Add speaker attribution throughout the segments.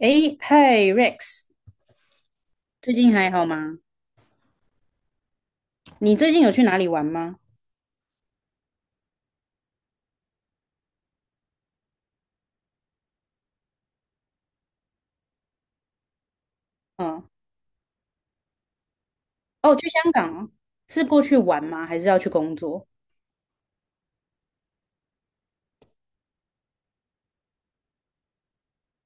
Speaker 1: 诶，嗨，Rex，最近还好吗？你最近有去哪里玩吗？嗯，哦，去香港哦。是过去玩吗？还是要去工作？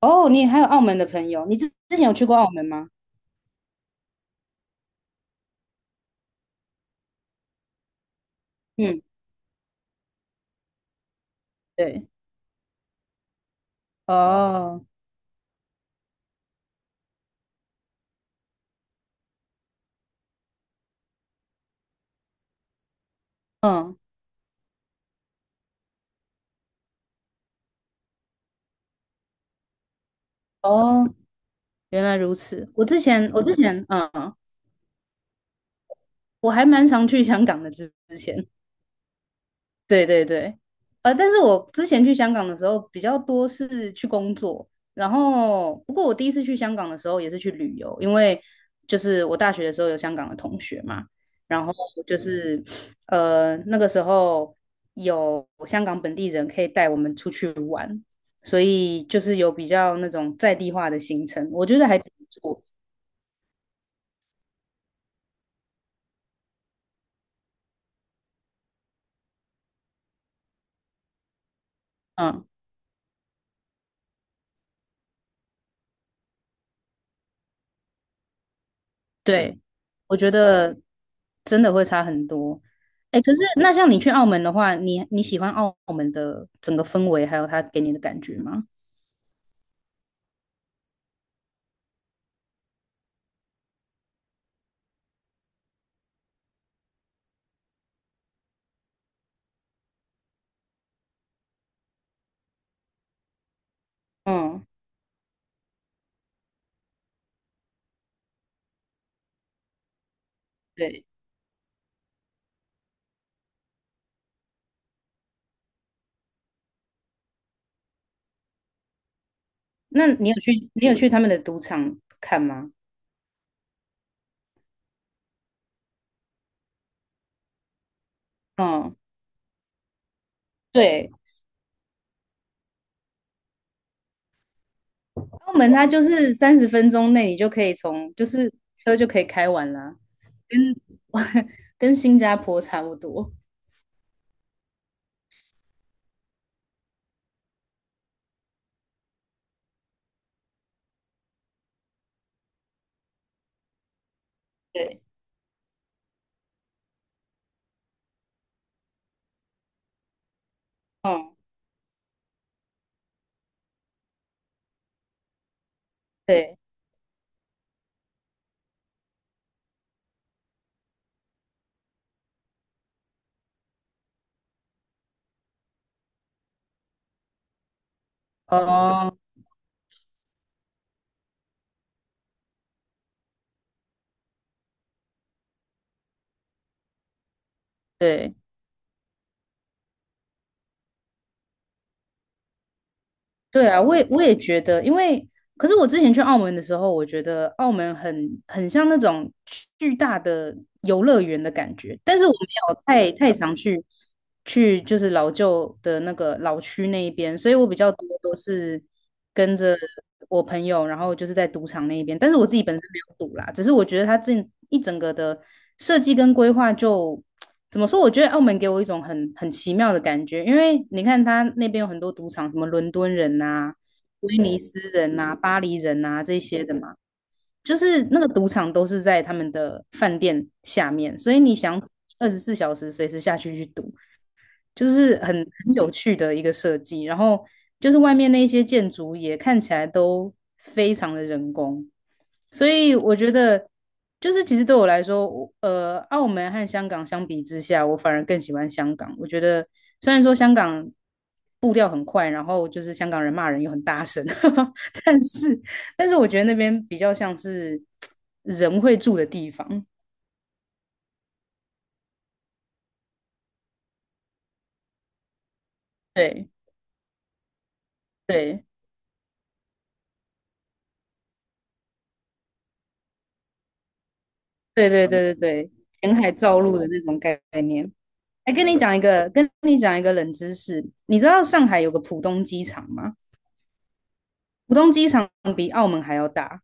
Speaker 1: 哦，你还有澳门的朋友，你之前有去过澳门吗？嗯，对，哦，嗯，哦，原来如此。我之前，我之前，嗯，我还蛮常去香港的之前。对对对，但是我之前去香港的时候比较多是去工作，然后不过我第一次去香港的时候也是去旅游，因为就是我大学的时候有香港的同学嘛，然后就是那个时候有香港本地人可以带我们出去玩，所以就是有比较那种在地化的行程，我觉得还挺不错。嗯。对，我觉得真的会差很多。哎，可是那像你去澳门的话，你喜欢澳门的整个氛围，还有他给你的感觉吗？嗯，对。那你有去他们的赌场看吗？嗯，对，澳门它就是30分钟内你就可以从就是车就可以开完啦，跟 跟新加坡差不多。对，嗯，对，哦，对。对啊，我也觉得，因为可是我之前去澳门的时候，我觉得澳门很像那种巨大的游乐园的感觉，但是我没有太常去去就是老旧的那个老区那一边，所以我比较多都是。跟着我朋友，然后就是在赌场那一边，但是我自己本身没有赌啦，只是我觉得它这一整个的设计跟规划就怎么说？我觉得澳门给我一种很奇妙的感觉，因为你看它那边有很多赌场，什么伦敦人呐、威尼斯人呐、巴黎人呐、这些的嘛，就是那个赌场都是在他们的饭店下面，所以你想24小时随时下去去赌，就是很有趣的一个设计。然后就是外面那一些建筑也看起来都非常的人工，所以我觉得就是其实对我来说，我澳门和香港相比之下，我反而更喜欢香港。我觉得虽然说香港步调很快，然后就是香港人骂人又很大声，但是但是我觉得那边比较像是人会住的地方。对对对对对对对，填海造陆的那种概念。哎，跟你讲一个，跟你讲一个冷知识，你知道上海有个浦东机场吗？浦东机场比澳门还要大，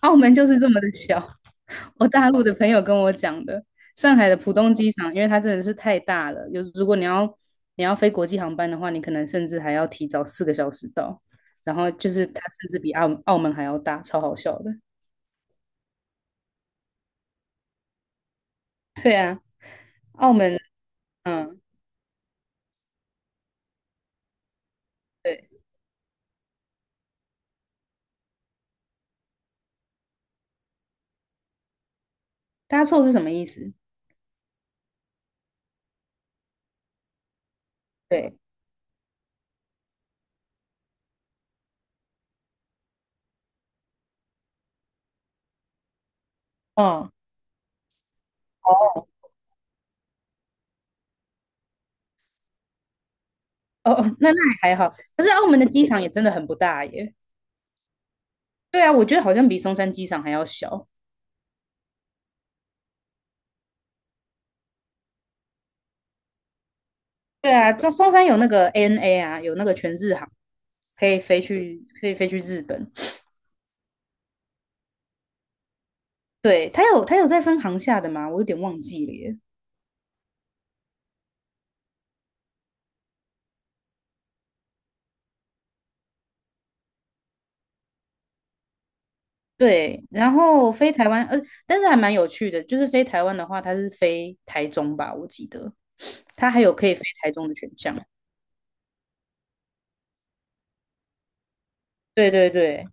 Speaker 1: 澳门就是这么的小。我大陆的朋友跟我讲的，上海的浦东机场，因为它真的是太大了，如果你要飞国际航班的话，你可能甚至还要提早4个小时到，然后就是它甚至比澳门还要大，超好笑的。对啊，澳门，嗯，对，搭错是什么意思？对，嗯。哦哦，那还好。可是澳门的机场也真的很不大耶。对啊，我觉得好像比松山机场还要小。对啊，松山有那个 ANA 啊，有那个全日航，可以飞去日本。对，它有在分航下的吗？我有点忘记了耶。对，然后飞台湾，但是还蛮有趣的，就是飞台湾的话，它是飞台中吧，我记得，它还有可以飞台中的选项。对对对，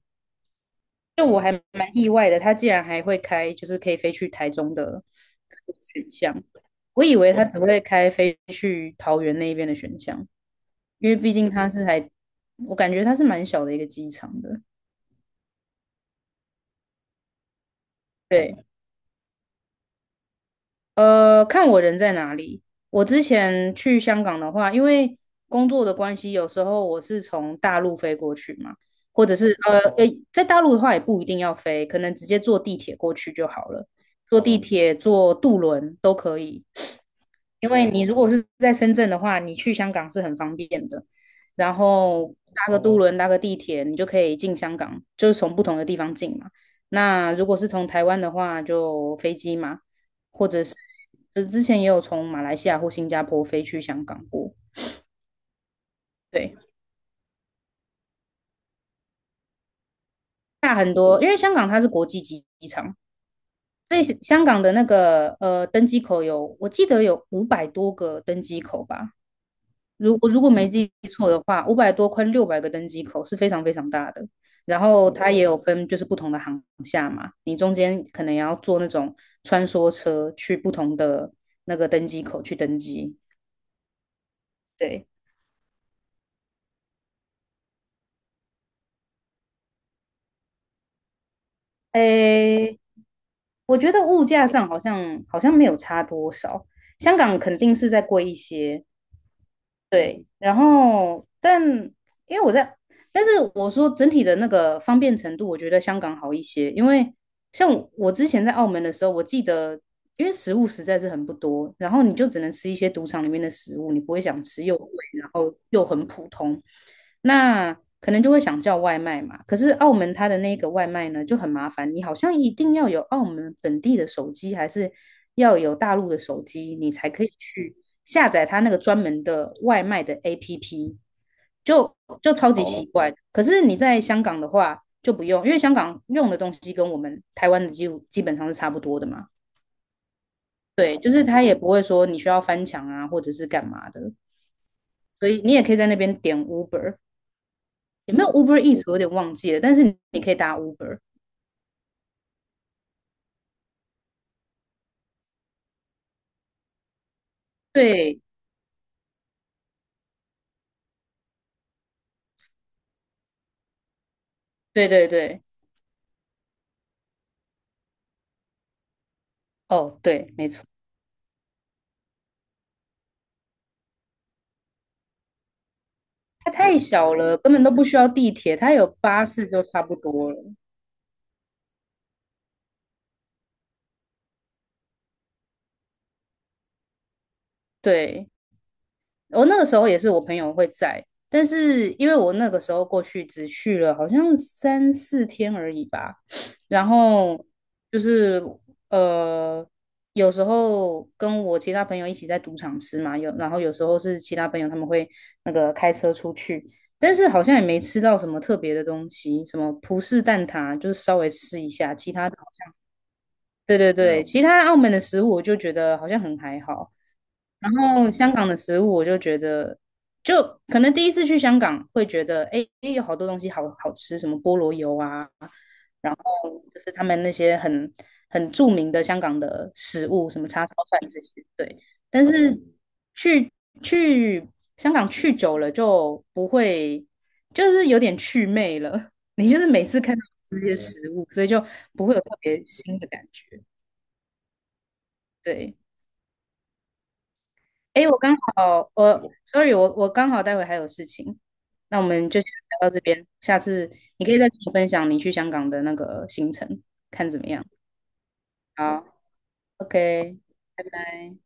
Speaker 1: 就我还蛮意外的，他竟然还会开，就是可以飞去台中的选项。我以为他只会开飞去桃园那边的选项，因为毕竟他是还，我感觉他是蛮小的一个机场的。对，看我人在哪里。我之前去香港的话，因为工作的关系，有时候我是从大陆飞过去嘛，或者是诶，在大陆的话也不一定要飞，可能直接坐地铁过去就好了。坐地铁、坐渡轮都可以。因为你如果是在深圳的话，你去香港是很方便的，然后搭个渡轮、搭个地铁，你就可以进香港，就是从不同的地方进嘛。那如果是从台湾的话，就飞机嘛。就之前也有从马来西亚或新加坡飞去香港过，对，大很多，因为香港它是国际机场，所以香港的那个登机口有，我记得有500多个登机口吧，如果没记错的话，500多快600个登机口是非常非常大的。然后它也有分就是不同的航厦嘛，你中间可能也要坐那种穿梭车去不同的那个登机口去登机。对，诶，我觉得物价上好像没有差多少，香港肯定是在贵一些，对，然后但因为我在，但是我说整体的那个方便程度，我觉得香港好一些。因为像我之前在澳门的时候，我记得因为食物实在是很不多，然后你就只能吃一些赌场里面的食物，你不会想吃又贵，然后又很普通。那可能就会想叫外卖嘛。可是澳门它的那个外卖呢就很麻烦，你好像一定要有澳门本地的手机，还是要有大陆的手机，你才可以去下载它那个专门的外卖的 APP，就就超级奇怪的。可是你在香港的话就不用，因为香港用的东西跟我们台湾的基本上是差不多的嘛。对，就是它也不会说你需要翻墙啊，或者是干嘛的，所以你也可以在那边点 Uber。也没有 Uber e a s 我有点忘记了，但是你可以打 Uber。对，对对对，哦，对，没错，它太小了，根本都不需要地铁，它有巴士就差不多了。对，我那个时候也是我朋友会在，但是因为我那个时候过去只去了好像三四天而已吧，然后就是呃，有时候跟我其他朋友一起在赌场吃嘛，然后有时候是其他朋友他们会那个开车出去，但是好像也没吃到什么特别的东西，什么葡式蛋挞就是稍微吃一下，其他的对对对，其他澳门的食物我就觉得好像很还好。然后香港的食物，我就觉得，就可能第一次去香港会觉得，哎，诶有好多东西好好吃，什么菠萝油啊，然后就是他们那些很著名的香港的食物，什么叉烧饭这些，对。但是去去香港去久了就不会，就是有点祛魅了。你就是每次看到这些食物，所以就不会有特别新的感觉，对。哎，我刚好，我 sorry，我刚好待会还有事情，那我们就先聊到这边，下次你可以再跟我分享你去香港的那个行程，看怎么样。好，OK，拜拜。